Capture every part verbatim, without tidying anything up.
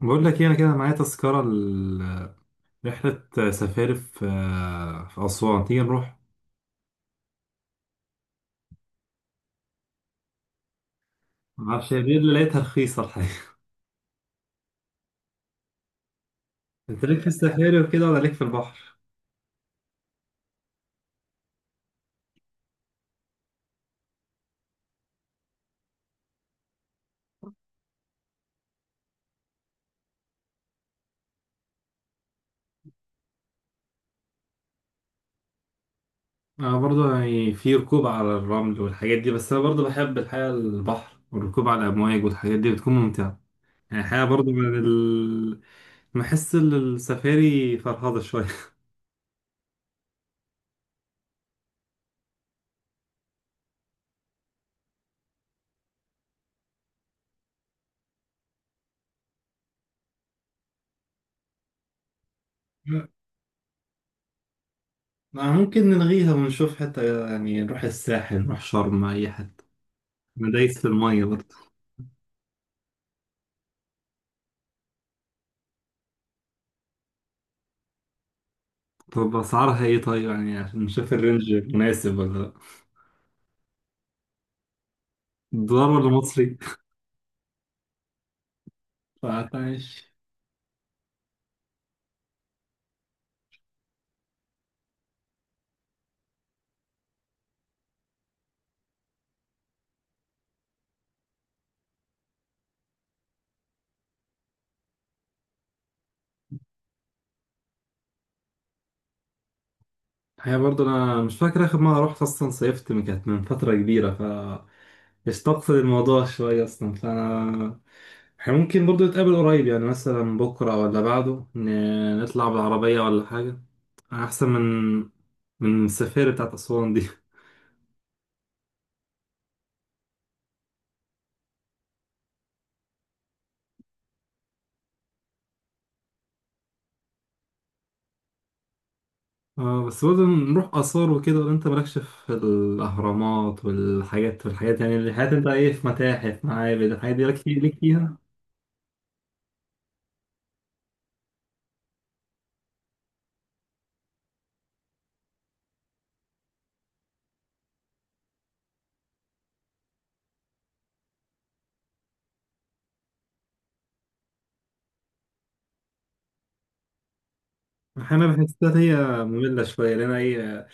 بقول لك ايه، انا كده معايا تذكرة لرحلة سفاري في في أسوان، تيجي نروح؟ معرفش، هي دي اللي لقيتها رخيصة الحقيقة. انت ليك في السفاري وكده ولا ليك في البحر؟ انا برضو يعني في ركوب على الرمل والحاجات دي، بس انا برضو بحب الحقيقة البحر والركوب على الأمواج، والحاجات دي بتكون ممتعة. يعني الحقيقة برضو من ال... بحس ان السفاري فرهضة شوية. ما ممكن نلغيها ونشوف، حتى يعني نروح الساحل، نروح شرم، أي حتة. أنا دايس في المية برضو. طب اسعارها ايه طيب، يعني عشان نشوف الرينج مناسب ولا لا؟ دولار ولا مصري؟ فماشي. هي برضه انا مش فاكر اخر مره رحت اصلا، صيفت من- كانت من فتره كبيره، ف استقصد الموضوع شويه اصلا، فانا احنا ممكن برضه نتقابل قريب، يعني مثلا بكره ولا بعده ن- نطلع بالعربيه ولا حاجه، احسن من من السفارة بتاعت اسوان دي. اه بس برضه نروح آثار وكده؟ ولا أنت مالكش في الأهرامات والحاجات والحاجات، يعني الحاجات، أنت إيه في متاحف، معابد، الحاجات دي لك في- ليك فيها؟ أحيانا بحسها هي مملة شوية، لأن هي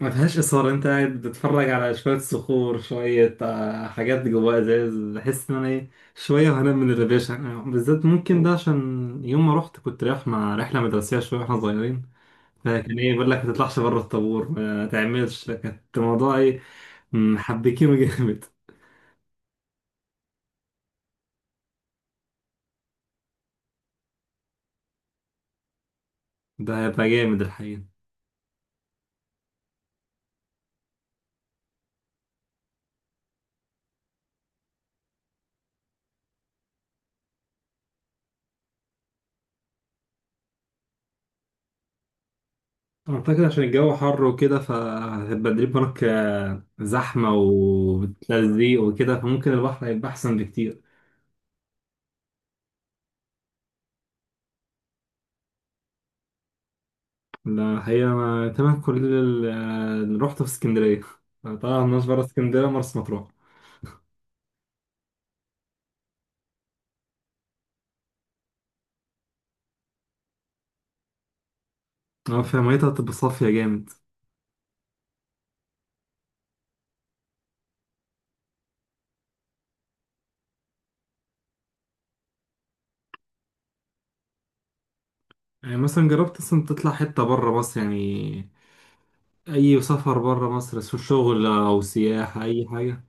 ما فيهاش إثارة. أنت قاعد بتتفرج على شوية صخور، شوية آه، حاجات جواها إزاز، بحس إن أنا إيه شوية وهنام من الريفيشن. يعني بالذات ممكن ده عشان يوم ما رحت كنت رايح مع رحلة مدرسية شوية وإحنا صغيرين، فكان إيه بيقول لك ما تطلعش بره الطابور، ما تعملش، كانت الموضوع إيه محبكينه جامد. ده هيبقى جامد الحقيقة. أعتقد عشان الجو حر وكده فهتبقى دريب هناك، آه، زحمة وتلزيق وكده، فممكن البحر هيبقى أحسن بكتير. لا الحقيقة أنا تمام، كل ال- آه، اللي روحته في اسكندرية، طبعا مش برا اسكندرية، مرسى مطروح. أه فيها ميتها هتبقى صافية جامد. يعني مثلا جربت أصلا تطلع حتة برا مصر يعني؟ أي سفر برا مصر، سواء شغل أو سياحة، أي حاجة.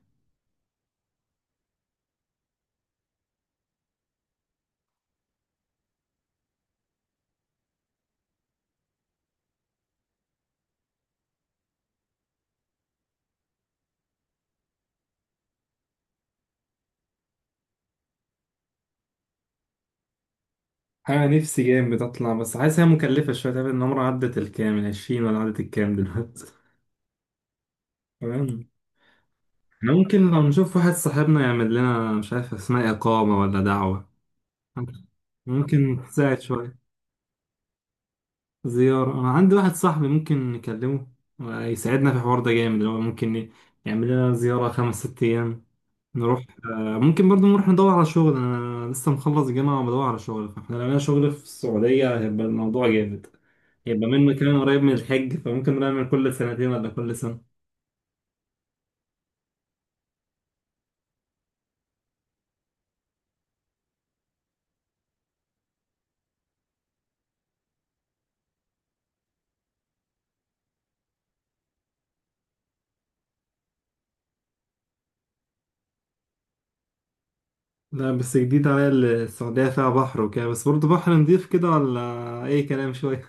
انا نفسي جامد اطلع، بس حاسس هي مكلفه شويه. تقريبا النمره عدت الكام، العشرين ولا عدت الكام دلوقتي؟ تمام. إحنا ممكن لو نشوف واحد صاحبنا يعمل لنا، مش عارف اسمها اقامه ولا دعوه، ممكن تساعد شويه. زياره، انا عندي واحد صاحبي ممكن نكلمه يساعدنا في الحوار ده جامد، اللي هو ممكن يعمل لنا زياره خمس ست ايام، نروح آه، ممكن برضو نروح ندور على شغل. انا لسه مخلص جامعة وبدور على شغل، فاحنا لو لقينا شغل في السعودية هيبقى الموضوع جامد. هيبقى منه كمان قريب من الحج، فممكن نعمل كل سنتين ولا كل سنة. لا بس جديد عليا، السعودية فيها بحر وكده؟ بس برضو بحر نضيف كده ولا أي كلام شوية؟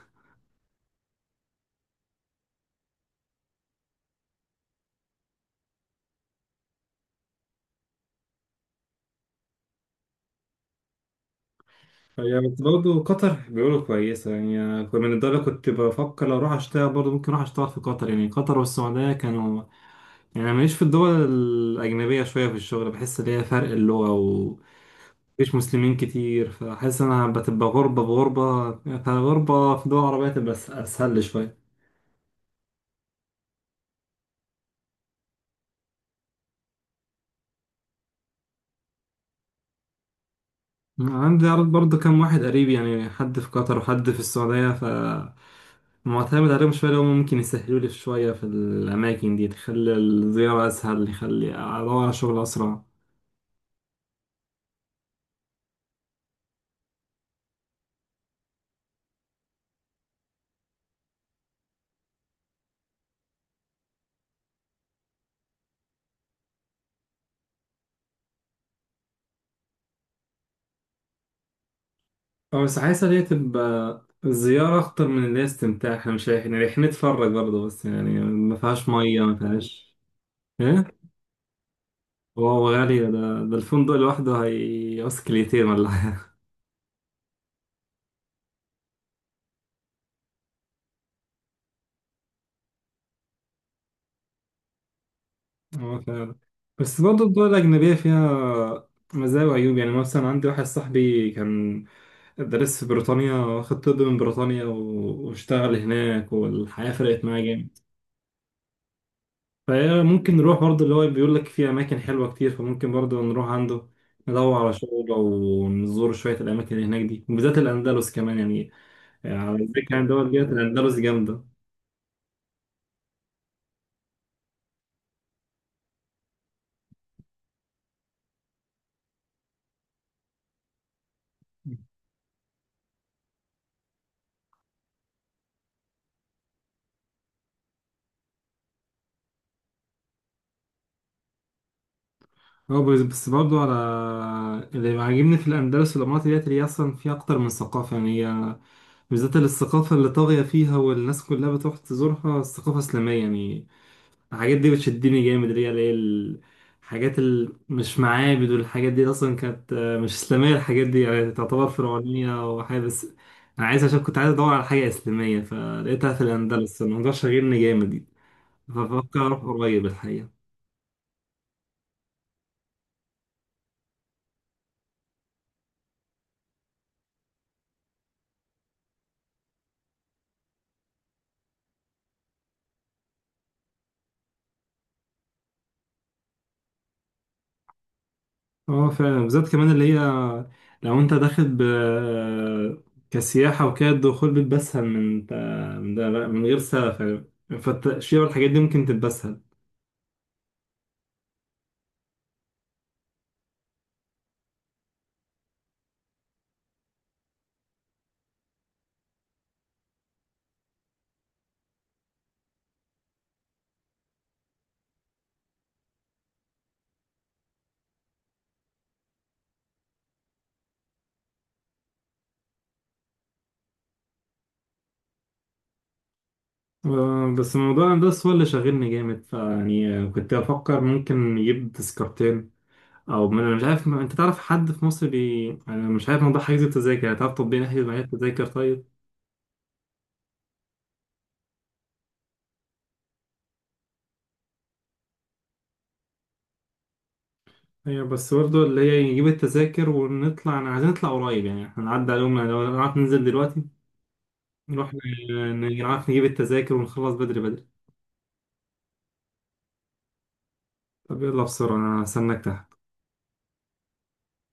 هي بس برضه قطر بيقولوا كويسة، يعني كنت- من الدولة كنت بفكر لو أروح أشتغل، برضه ممكن أروح أشتغل في قطر. يعني قطر والسعودية كانوا، يعني أنا ماليش في الدول الأجنبية شوية في الشغل، بحس إن هي فرق اللغة، مفيش مسلمين كتير، فحاسس انا بتبقى غربة بغربة. فغربة في دول عربية تبقى أس- اسهل لي شوية. عندي عرض برضه كام واحد قريب، يعني حد في قطر وحد في السعودية، ف معتمد عليهم شوية، اللي هم ممكن يسهلوا لي شوية في الأماكن دي، تخلي الزيارة أسهل، يخلي أدور على شغل أسرع. أو بس عايز اللي هي تبقى الزيارة أخطر من اللي هي استمتاع، احنا مش رايحين، رايحين نتفرج برضه بس، يعني ما فيهاش مية، ما فيهاش إيه؟ واو غالي ده. ده الفندق لوحده هيقص كليتين ولا حاجة. اه فعلا. بس برضه الدول الأجنبية فيها مزايا وعيوب. يعني مثلا عندي واحد صاحبي كان درس في بريطانيا، واخد طب من بريطانيا و- واشتغل هناك، والحياة فرقت معاه جامد. فهي ممكن نروح برضه، اللي هو بيقول لك في أماكن حلوة كتير، فممكن برضه نروح عنده ندور على شغل ونزور شوية الأماكن اللي هناك دي، وبالذات الأندلس كمان يعني. على ذكر يعني دول جت الأندلس جامدة. هو بس بس برضه، على اللي عاجبني في الأندلس والإمارات ديت، اللي هي أصلا فيها أكتر من ثقافة. يعني هي بالذات الثقافة اللي طاغية فيها والناس كلها بتروح تزورها الثقافة الإسلامية يعني. الحاجات دي بتشدني جامد، اللي هي اللي هي الحاجات اللي مش معابد، والحاجات دي أصلا كانت آه، مش إسلامية. الحاجات دي يعني تعتبر فرعونية وحاجة بس، أنا عايز، عشان كنت عايز أدور على حاجة إسلامية فلقيتها في الأندلس، الموضوع شاغلني جامد، فبفكر أروح قريب الحقيقة. اه فعلا، بالذات كمان اللي هي لو انت داخل ب... كسياحة وكده، الدخول بيبقى اسهل من من ده بقى، من غير سلف يعني، فالتأشيرة والحاجات دي ممكن تبقى اسهل. آه، بس موضوع الهندسة هو اللي شاغلني جامد، فيعني كنت بفكر ممكن نجيب تذكرتين، او ما انا مش عارف، ما انت تعرف حد في مصر بي، انا مش عارف موضوع حجز التذاكر، يعني تعرف تطبيق نحجز معايا التذاكر طيب؟ ايوه بس برضه اللي هي نجيب التذاكر ونطلع، انا عايزين نطلع قريب، يعني احنا نعدي عليهم، يعني لو نعرف ننزل دلوقتي نروح ن- نعرف نجيب التذاكر ونخلص بدري بدري. طب يلا بسرعة، أنا هستناك تحت.